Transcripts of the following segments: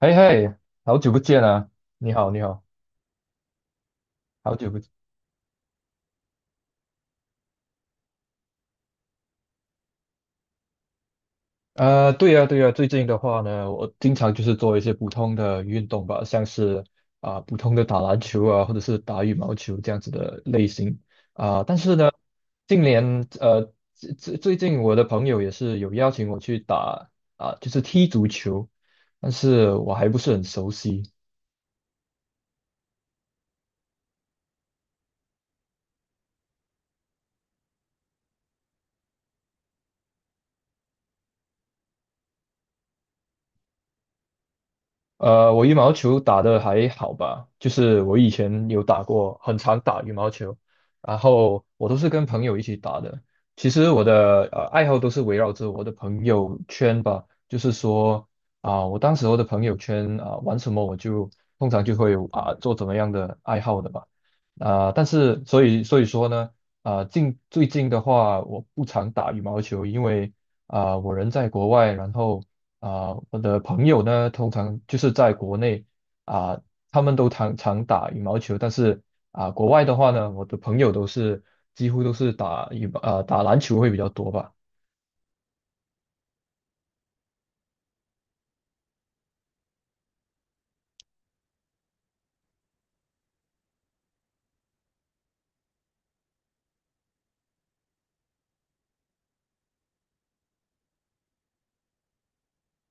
嘿嘿，好久不见啊！你好，你好，好久不见。对呀，对呀，最近的话呢，我经常就是做一些普通的运动吧，像是普通的打篮球啊，或者是打羽毛球这样子的类型。但是呢，近年呃，最近我的朋友也是有邀请我去打，就是踢足球，但是我还不是很熟悉。我羽毛球打得还好吧，就是我以前有打过，很常打羽毛球，然后我都是跟朋友一起打的。其实我的爱好都是围绕着我的朋友圈吧，就是说我当时候的朋友圈玩什么我就通常就会做怎么样的爱好的吧。但是所以说呢，最近的话我不常打羽毛球，因为我人在国外，然后我的朋友呢，通常就是在国内，啊、他们都常常打羽毛球，但是国外的话呢，我的朋友几乎都是打羽毛啊、打篮球会比较多吧。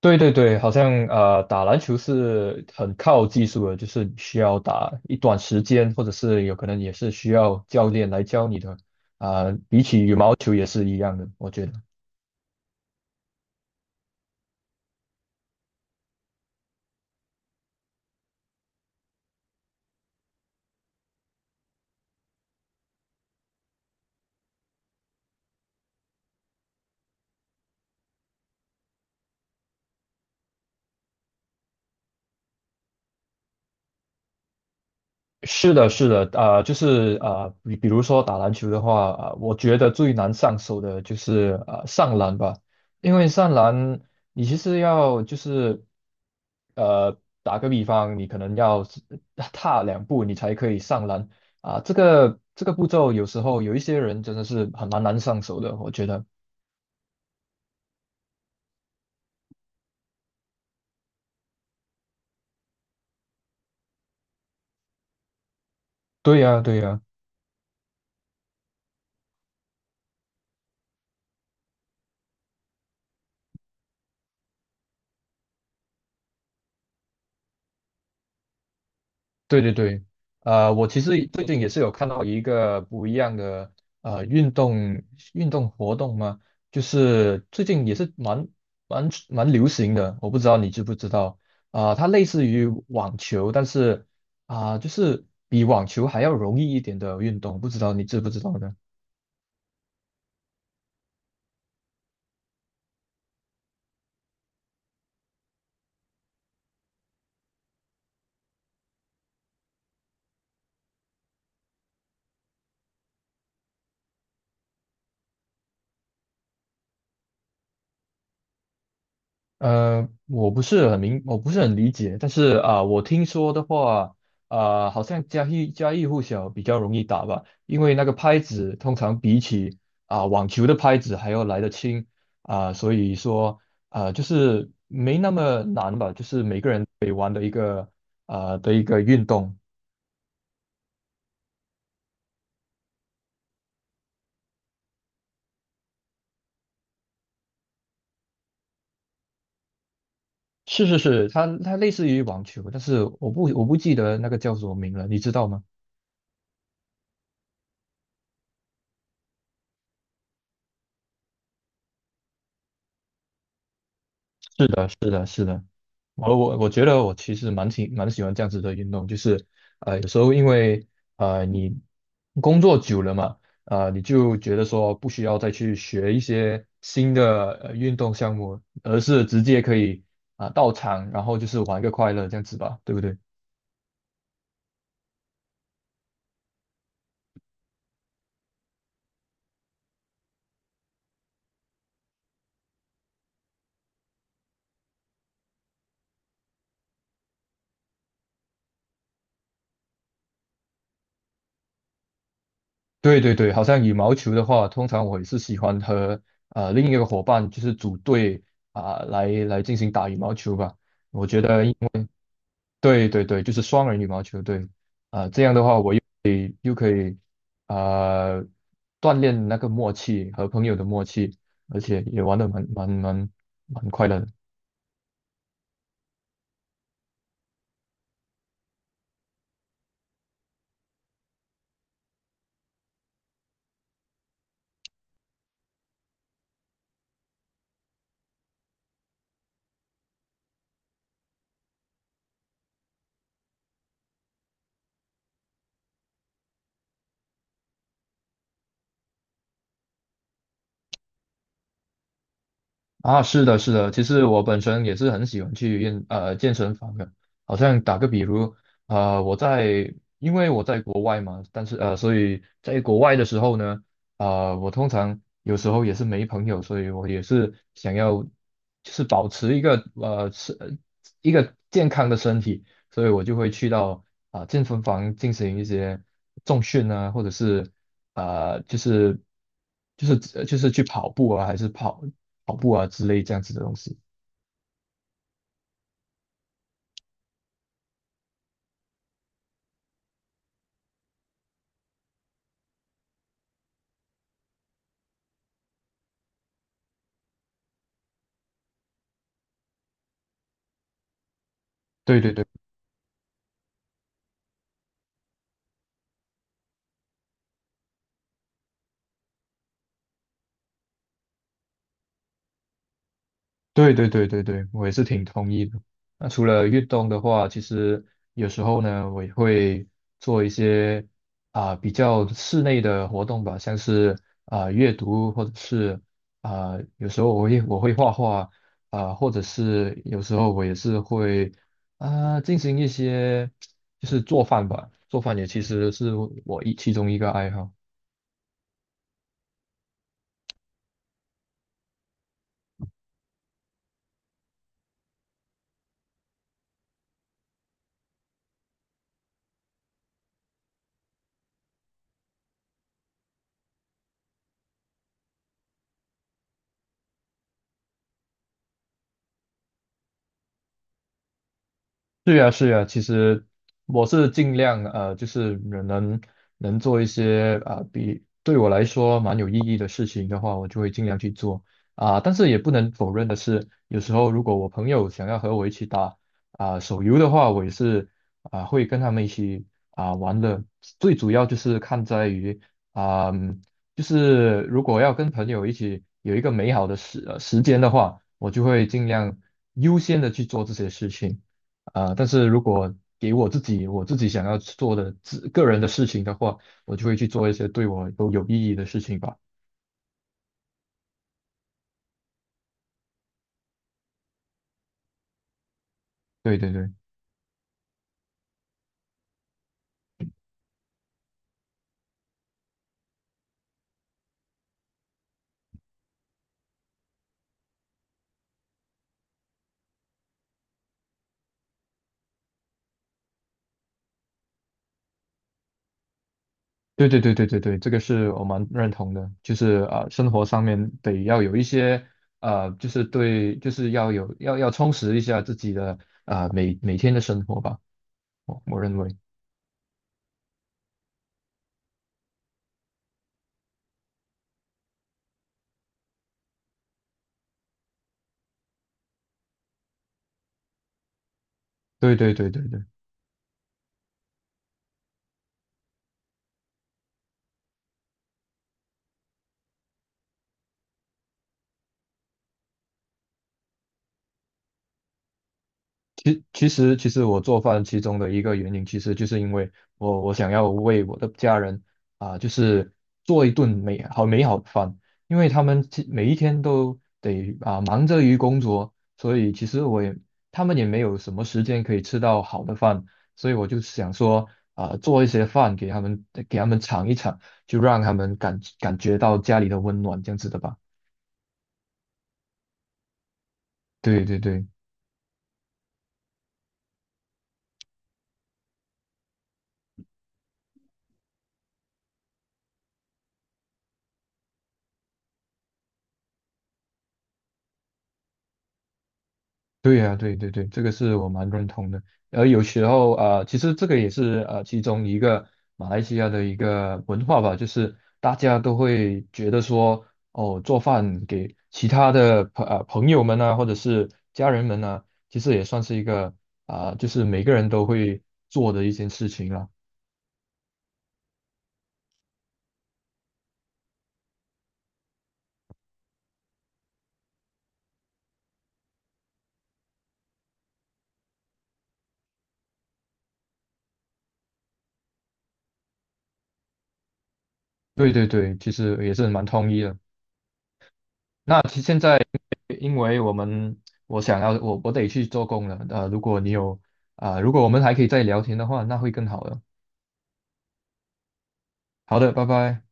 对对对，好像打篮球是很靠技术的，就是你需要打一段时间，或者是有可能也是需要教练来教你的。比起羽毛球也是一样的，我觉得。是的，是的，就是，比如说打篮球的话，我觉得最难上手的就是上篮吧，因为上篮你其实要就是打个比方，你可能要是踏2步你才可以上篮。这个步骤有时候有一些人真的是很蛮难上手的，我觉得。对呀，对呀。对对对，我其实最近也是有看到一个不一样的运动活动嘛，就是最近也是蛮流行的，我不知道你知不知道，它类似于网球，但是就是比网球还要容易一点的运动，不知道你知不知道呢？我不是很理解，但是我听说的话，好像家喻户晓，比较容易打吧，因为那个拍子通常比起网球的拍子还要来得轻。所以说就是没那么难吧，就是每个人可以玩的一个的一个运动。是是是，它类似于网球，但是我不记得那个叫什么名了，你知道吗？是的，是的，是的。我觉得我其实蛮喜欢这样子的运动，就是有时候因为你工作久了嘛，你就觉得说不需要再去学一些新的运动项目，而是直接可以到场，然后就是玩个快乐这样子吧，对不对？对对对，好像羽毛球的话，通常我也是喜欢和另一个伙伴就是组队，来进行打羽毛球吧。我觉得对对对，就是双人羽毛球，对。这样的话我又。又可以。呃，锻炼那个默契和朋友的默契，而且也玩得蛮快乐的。啊，是的，是的，其实我本身也是很喜欢去健身房的。好像打个比如，呃，我在因为我在国外嘛，但是所以在国外的时候呢，我通常有时候也是没朋友，所以我也是想要就是保持一个健康的身体，所以我就会去到健身房进行一些重训啊，或者是呃，就是就是去跑步啊，还是跑步啊之类这样子的东西。对对对。对对对对对，我也是挺同意的。那除了运动的话，其实有时候呢，我也会做一些比较室内的活动吧，像是阅读，或者是有时候我会画画或者是有时候我也是会进行一些就是做饭吧，做饭也其实是我其中一个爱好。是呀，是呀，其实我是尽量就是能做一些比对我来说蛮有意义的事情的话，我就会尽量去做。但是也不能否认的是，有时候如果我朋友想要和我一起打手游的话，我也是会跟他们一起玩的。最主要就是看在于啊、嗯就是如果要跟朋友一起有一个美好的时间的话，我就会尽量优先的去做这些事情。但是如果给我自己想要做的自个人的事情的话，我就会去做一些对我都有意义的事情吧。对对对对对对对对对，这个是我蛮认同的，就是生活上面得要有一些就是对，就是要有要要充实一下自己的每天的生活吧，我认为。对对对对对。其实我做饭其中的一个原因，其实就是因为我想要为我的家人就是做一顿美好的饭，因为他们每一天都得忙着于工作，所以其实他们也没有什么时间可以吃到好的饭，所以我就想说做一些饭给他们尝一尝，就让他们感觉到家里的温暖这样子的吧。对对对。对呀、对对对，这个是我蛮认同的。而有时候其实这个也是其中一个马来西亚的一个文化吧，就是大家都会觉得说，哦，做饭给其他的朋友们啊，或者是家人们啊，其实也算是一个就是每个人都会做的一件事情了。对对对，其实也是蛮同意的。那其实现在因为我们我想要我我得去做工了，如果你有啊、呃如果我们还可以再聊天的话，那会更好的。好的，拜拜。